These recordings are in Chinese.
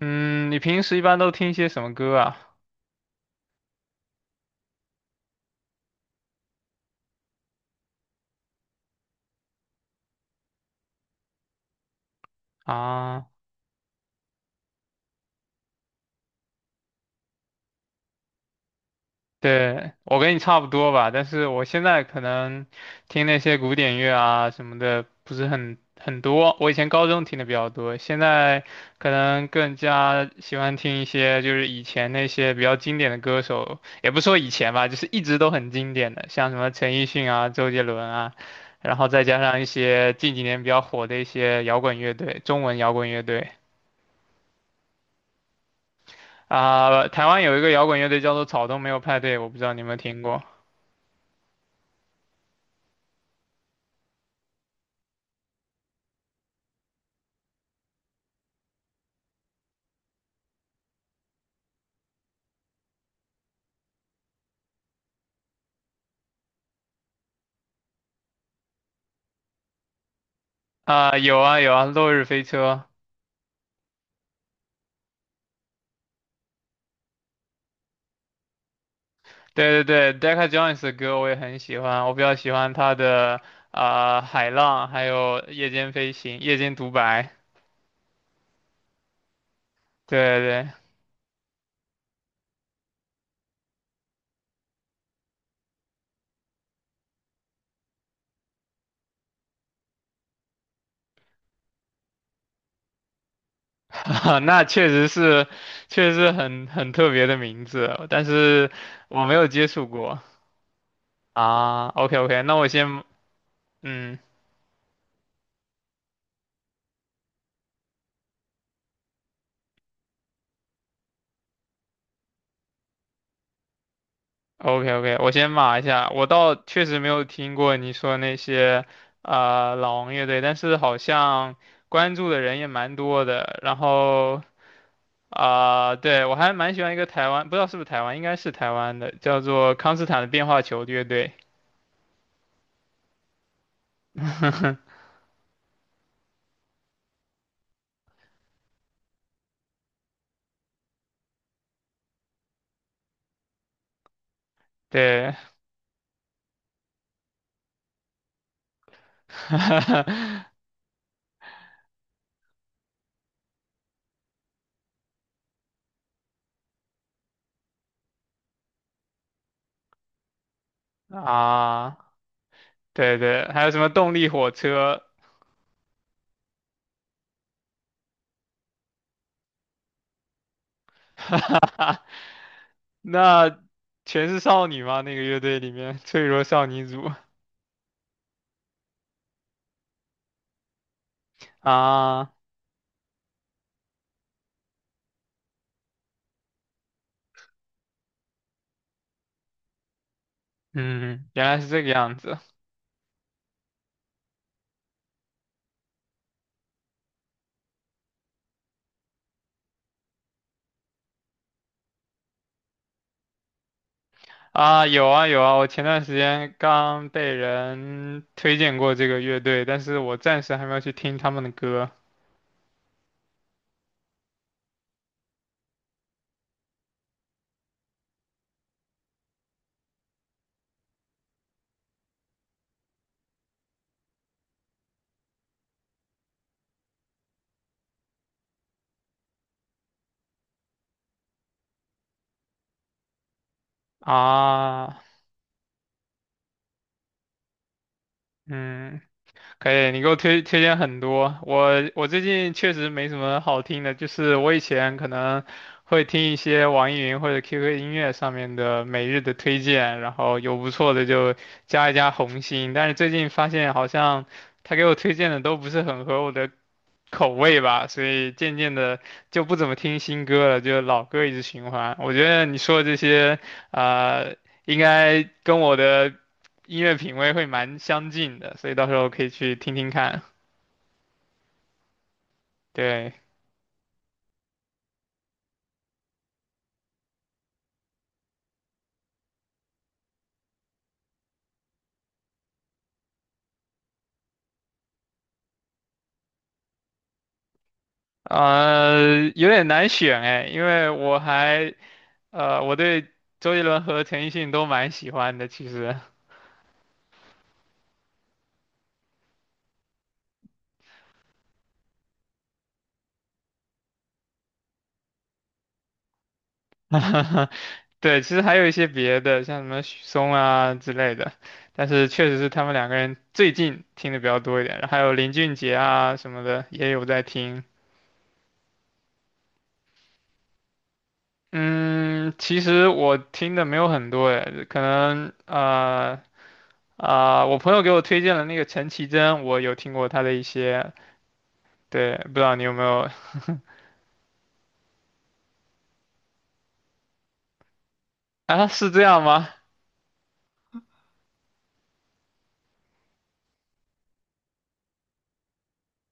嗯，你平时一般都听一些什么歌啊？啊，对，我跟你差不多吧，但是我现在可能听那些古典乐啊什么的不是很多。我以前高中听的比较多，现在可能更加喜欢听一些就是以前那些比较经典的歌手，也不说以前吧，就是一直都很经典的，像什么陈奕迅啊、周杰伦啊，然后再加上一些近几年比较火的一些摇滚乐队，中文摇滚乐队。啊、台湾有一个摇滚乐队叫做草东没有派对，我不知道你有没有听过啊、有啊有啊，落日飞车，对对对，Decca Jones 的歌我也很喜欢，我比较喜欢他的海浪，还有夜间飞行、夜间独白，对对，那确实是，确实是很特别的名字，但是我没有接触过啊。OK OK，那我先嗯。OK OK，我先码一下，我倒确实没有听过你说那些老王乐队，但是好像关注的人也蛮多的。然后对，我还蛮喜欢一个台湾，不知道是不是台湾，应该是台湾的，叫做康斯坦的变化球乐队。对，啊，对对，还有什么动力火车？那全是少女吗？那个乐队里面脆弱少女组啊。嗯，原来是这个样子啊！有啊有啊，我前段时间刚被人推荐过这个乐队，但是我暂时还没有去听他们的歌啊。嗯，可以，你给我推荐很多。我最近确实没什么好听的，就是我以前可能会听一些网易云或者 QQ 音乐上面的每日的推荐，然后有不错的就加一加红心，但是最近发现好像他给我推荐的都不是很合我的口味吧，所以渐渐的就不怎么听新歌了，就老歌一直循环。我觉得你说的这些，呃，应该跟我的音乐品味会蛮相近的，所以到时候可以去听听看。对，有点难选哎，因为我还，我对周杰伦和陈奕迅都蛮喜欢的，其实。对，其实还有一些别的，像什么许嵩啊之类的，但是确实是他们两个人最近听的比较多一点，然后还有林俊杰啊什么的也有在听。嗯，其实我听的没有很多哎，可能我朋友给我推荐了那个陈绮贞，我有听过她的一些，对，不知道你有没有啊？是这样吗？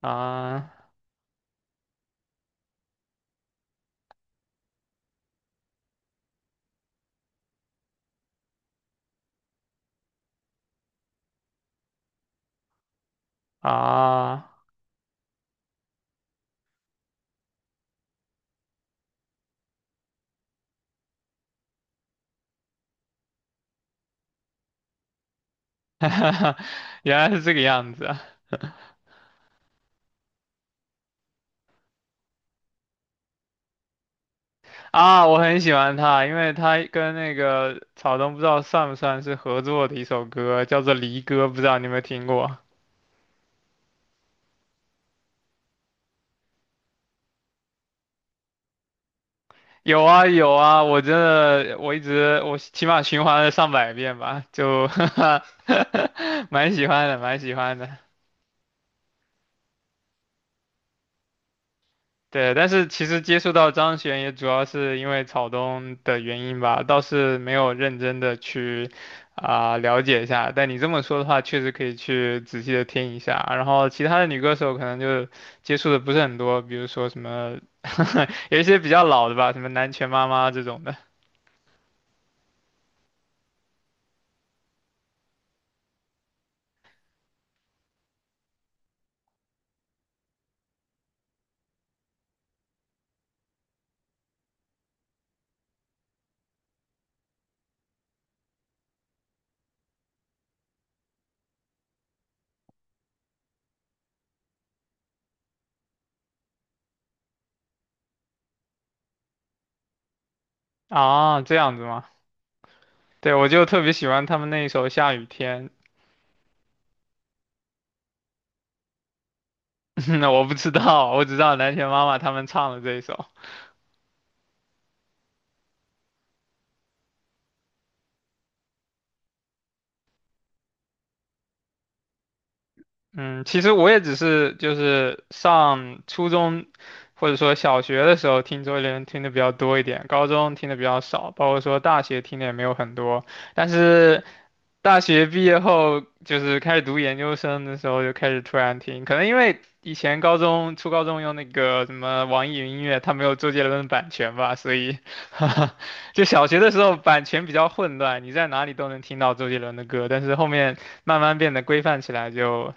啊啊，原来是这个样子啊啊，我很喜欢他，因为他跟那个草东不知道算不算是合作的一首歌，叫做《离歌》，不知道你有没有听过？有啊有啊，我真的我一直我起码循环了上百遍吧，就 蛮喜欢的，蛮喜欢的。对，但是其实接触到张悬也主要是因为草东的原因吧，倒是没有认真的去了解一下。但你这么说的话，确实可以去仔细的听一下。然后其他的女歌手可能就接触的不是很多，比如说什么 有一些比较老的吧，什么南拳妈妈这种的啊，这样子吗？对，我就特别喜欢他们那一首《下雨天》，那我不知道，我只知道南拳妈妈他们唱的这一首。嗯，其实我也只是就是上初中或者说小学的时候听周杰伦听的比较多一点，高中听的比较少，包括说大学听的也没有很多。但是大学毕业后，就是开始读研究生的时候，就开始突然听，可能因为以前高中初高中用那个什么网易云音乐，它没有周杰伦的版权吧，所以 就小学的时候版权比较混乱，你在哪里都能听到周杰伦的歌，但是后面慢慢变得规范起来就。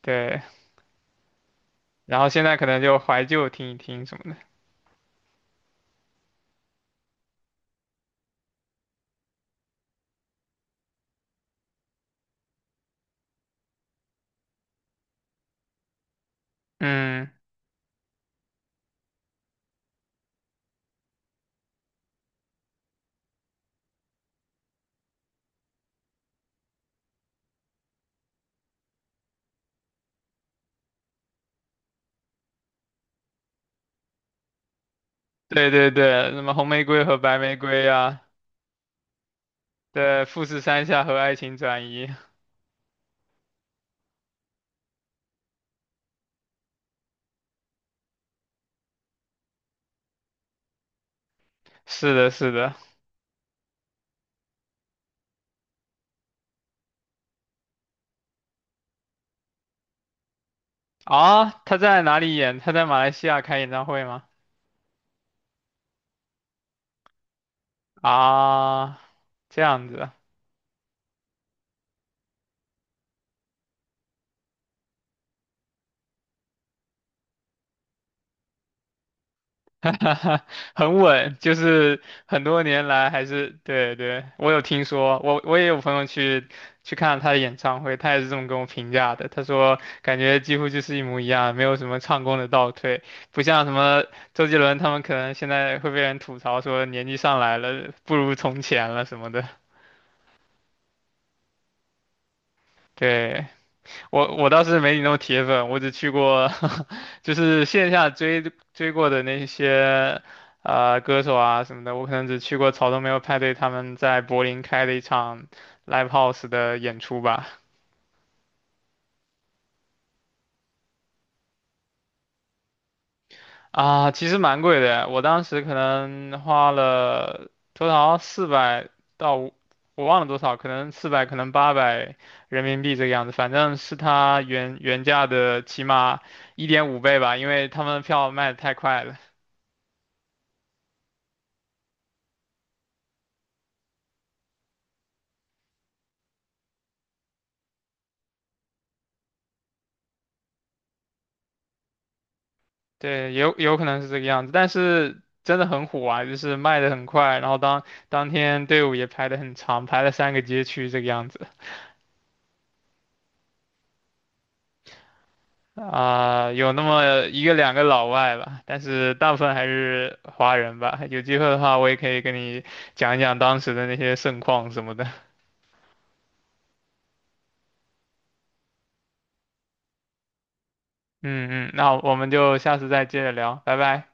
对，然后现在可能就怀旧听一听什么的。嗯，对对对，什么红玫瑰和白玫瑰啊，对，富士山下和爱情转移，是的，是的。啊，他在哪里演？他在马来西亚开演唱会吗？啊，这样子。很稳，就是很多年来还是对对，我有听说，我也有朋友去看了他的演唱会，他也是这么跟我评价的。他说感觉几乎就是一模一样，没有什么唱功的倒退，不像什么周杰伦他们可能现在会被人吐槽说年纪上来了不如从前了什么的。对，我倒是没你那么铁粉，我只去过，就是线下追过的那些歌手啊什么的，我可能只去过草东没有派对他们在柏林开的一场 live house 的演出吧。啊，其实蛮贵的，我当时可能花了多少四百到五，我忘了多少，可能四百，可能800人民币这个样子，反正是他原价的起码1.5倍吧，因为他们票卖的太快了。对，也有可能是这个样子，但是真的很火啊，就是卖的很快，然后当天队伍也排的很长，排了3个街区这个样子有那么一个两个老外吧，但是大部分还是华人吧。有机会的话，我也可以跟你讲一讲当时的那些盛况什么的。嗯嗯，那我们就下次再接着聊，拜拜。